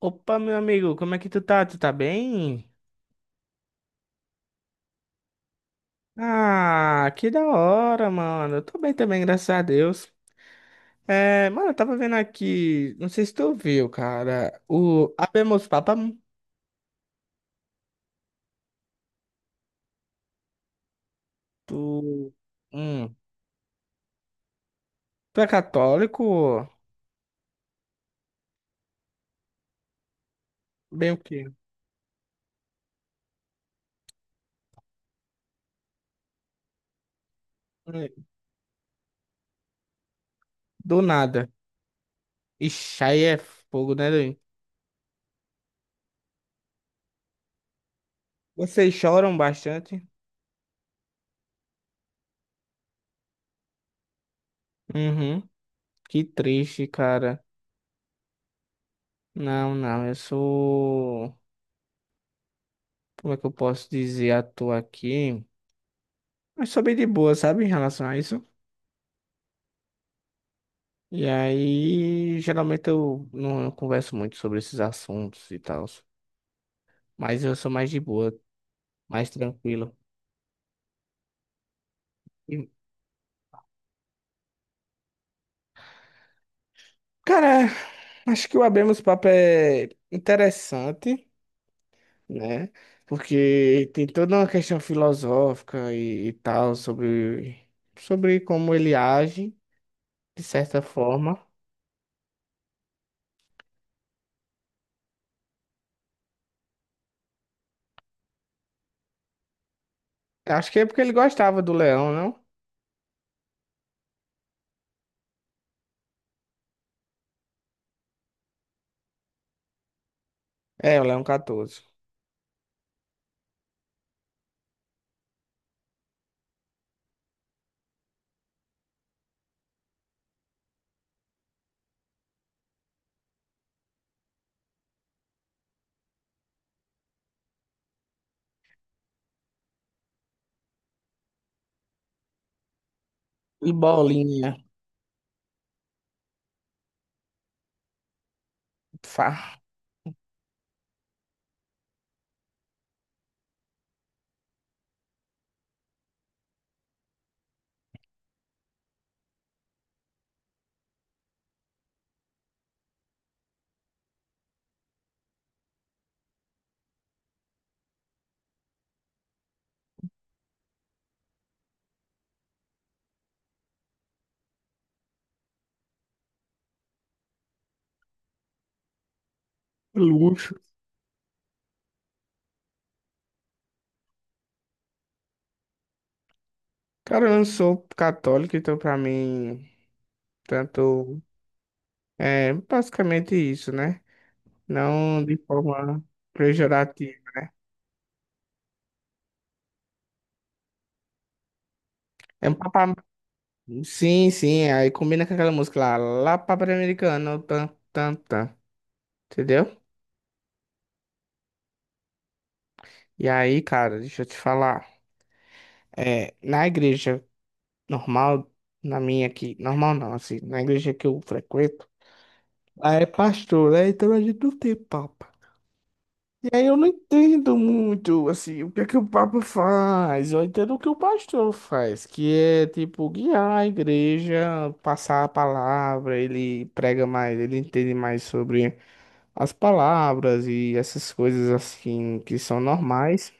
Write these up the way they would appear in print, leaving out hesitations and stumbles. Opa, meu amigo, como é que tu tá? Tu tá bem? Ah, que da hora, mano. Eu tô bem também, graças a Deus. É, mano, eu tava vendo aqui, não sei se tu viu, cara, o Habemus Papam, tu, hum, tu é católico? Bem o quê? Hum. Do nada. Ixi, aí é fogo, né, doido? Vocês choram bastante? Uhum, que triste, cara. Não, não, eu sou, como é que eu posso dizer à toa aqui? Eu sou bem de boa, sabe, em relação a isso. E aí, geralmente eu não eu converso muito sobre esses assuntos e tal. Mas eu sou mais de boa, mais tranquilo. E, cara, acho que o Abemos Papo é interessante, né? Porque tem toda uma questão filosófica e tal sobre como ele age, de certa forma. Acho que é porque ele gostava do Leão, não? É, o Leão 14. E bolinha, fa, luxo. Cara, eu não sou católico, então pra mim, tanto é basicamente isso, né? Não de forma pejorativa. É um papá. Sim, sim, aí combina com aquela música lá, lá papai americano, tan, tan, tan, entendeu? E aí, cara, deixa eu te falar. É, na igreja normal, na minha aqui, normal não, assim, na igreja que eu frequento, lá é pastor, né? Então a gente não tem papa. E aí eu não entendo muito, assim, o que é que o Papa faz. Eu entendo o que o pastor faz, que é, tipo, guiar a igreja, passar a palavra, ele prega mais, ele entende mais sobre as palavras e essas coisas, assim, que são normais.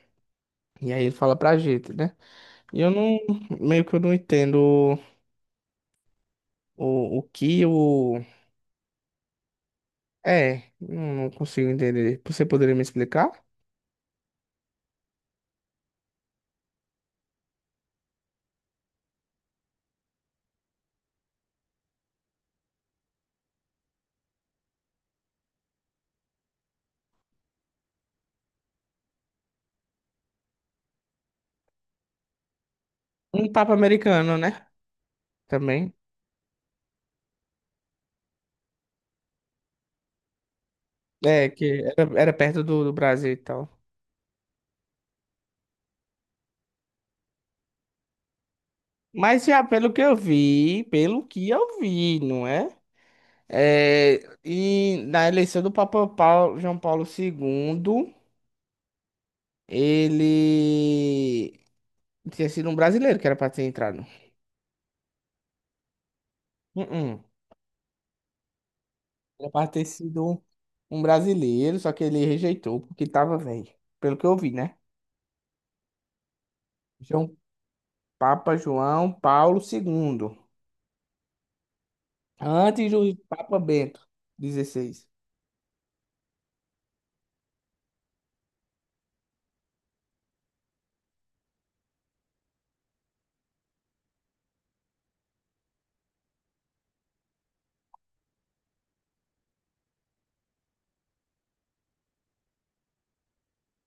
E aí ele fala pra gente, né? E eu não, meio que eu não entendo o que o... É, não consigo entender. Você poderia me explicar? Um Papa americano, né? Também. É, que era, era perto do Brasil e tal. Mas já pelo que eu vi, pelo que eu vi, não é? É, e na eleição do Papa Paulo, João Paulo II, ele tinha sido um brasileiro que era para ter entrado. Uh-uh. Era para ter sido um brasileiro, só que ele rejeitou porque tava velho. Pelo que eu vi, né? João Papa João Paulo II. Antes do Papa Bento XVI.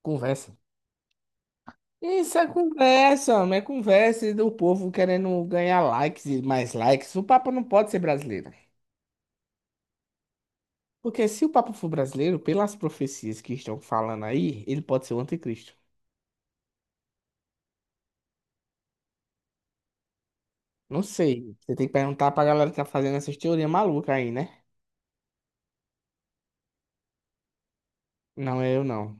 Conversa. Isso é conversa, homem, é conversa do povo querendo ganhar likes e mais likes. O Papa não pode ser brasileiro. Porque se o Papa for brasileiro, pelas profecias que estão falando aí, ele pode ser o anticristo. Não sei. Você tem que perguntar pra galera que tá fazendo essas teorias malucas aí, né? Não é eu, não.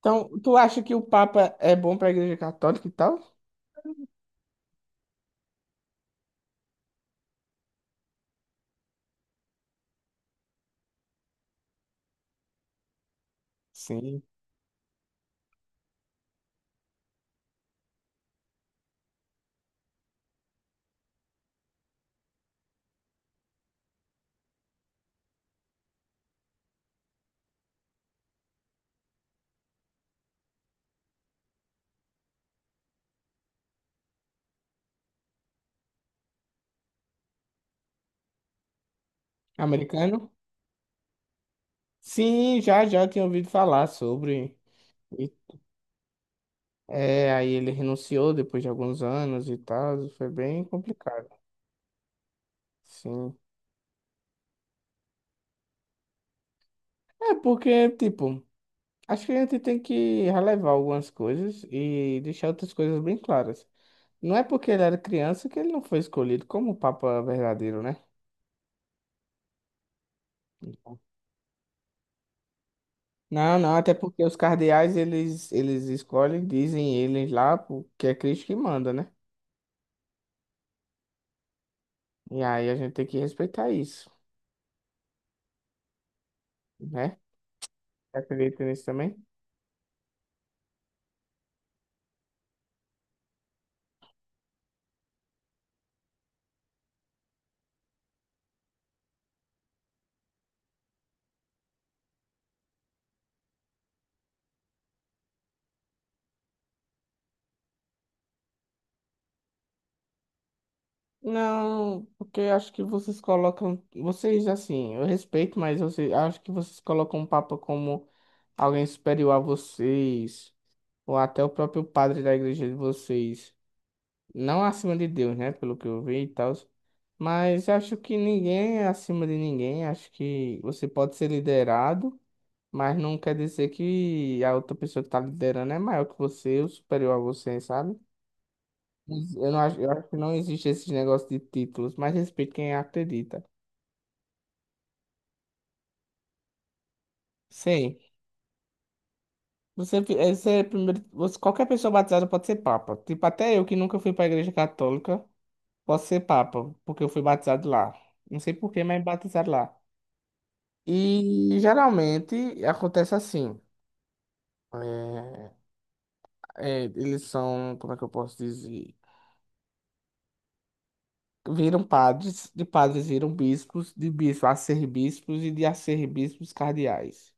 Então, tu acha que o Papa é bom pra Igreja Católica e tal? Sim. Americano? Sim, já, já tinha ouvido falar sobre. E- É, aí ele renunciou depois de alguns anos e tal. Foi bem complicado. Sim. É porque, tipo, acho que a gente tem que relevar algumas coisas e deixar outras coisas bem claras. Não é porque ele era criança que ele não foi escolhido como Papa verdadeiro, né? Não, não, até porque os cardeais, eles escolhem, dizem eles lá, porque é Cristo que manda, né? E aí a gente tem que respeitar isso, né? Acredita nisso também? Não, porque acho que vocês colocam. Vocês, assim, eu respeito, mas você, acho que vocês colocam o Papa como alguém superior a vocês, ou até o próprio padre da igreja de vocês. Não acima de Deus, né? Pelo que eu vi e tal. Mas acho que ninguém é acima de ninguém. Acho que você pode ser liderado, mas não quer dizer que a outra pessoa que está liderando é maior que você ou superior a você, sabe? Eu não acho, eu acho que não existe esse negócio de títulos, mas respeito quem acredita. Sim. Você, fi- esse é primeiro, você, qualquer pessoa batizada pode ser papa. Tipo, até eu que nunca fui pra igreja católica, posso ser papa, porque eu fui batizado lá. Não sei por que, mas batizado lá. E geralmente acontece assim. é, é, eles são, como é que eu posso dizer? Viram padres, de padres viram bispos, de bispos arcebispos e de arcebispos cardeais.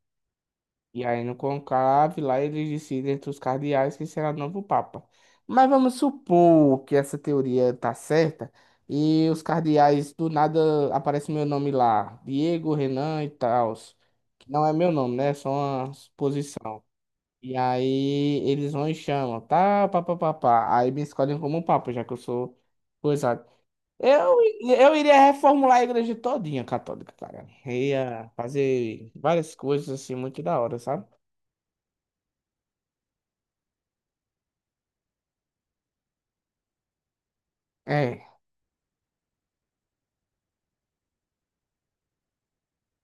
E aí no conclave lá eles decidem entre os cardeais quem será o novo papa. Mas vamos supor que essa teoria tá certa e os cardeais do nada aparece meu nome lá, Diego, Renan e tal, que não é meu nome, né? É só uma suposição. E aí eles vão e chamam, tá, papapá. Aí me escolhem como papa, já que eu sou coisado. Eu iria reformular a igreja todinha católica, cara. Ia fazer várias coisas assim muito da hora, sabe? É.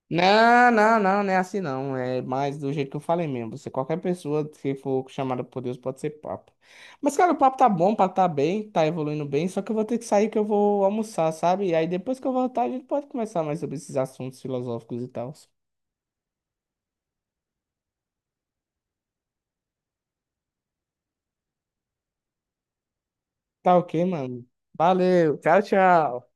Não, não, não, não é assim não. É mais do jeito que eu falei mesmo. Você, qualquer pessoa que for chamada por Deus pode ser papo. Mas, cara, o papo tá bom, o papo tá bem, tá evoluindo bem. Só que eu vou ter que sair que eu vou almoçar, sabe? E aí depois que eu voltar, a gente pode conversar mais sobre esses assuntos filosóficos e tal. Tá ok, mano. Valeu, tchau, tchau.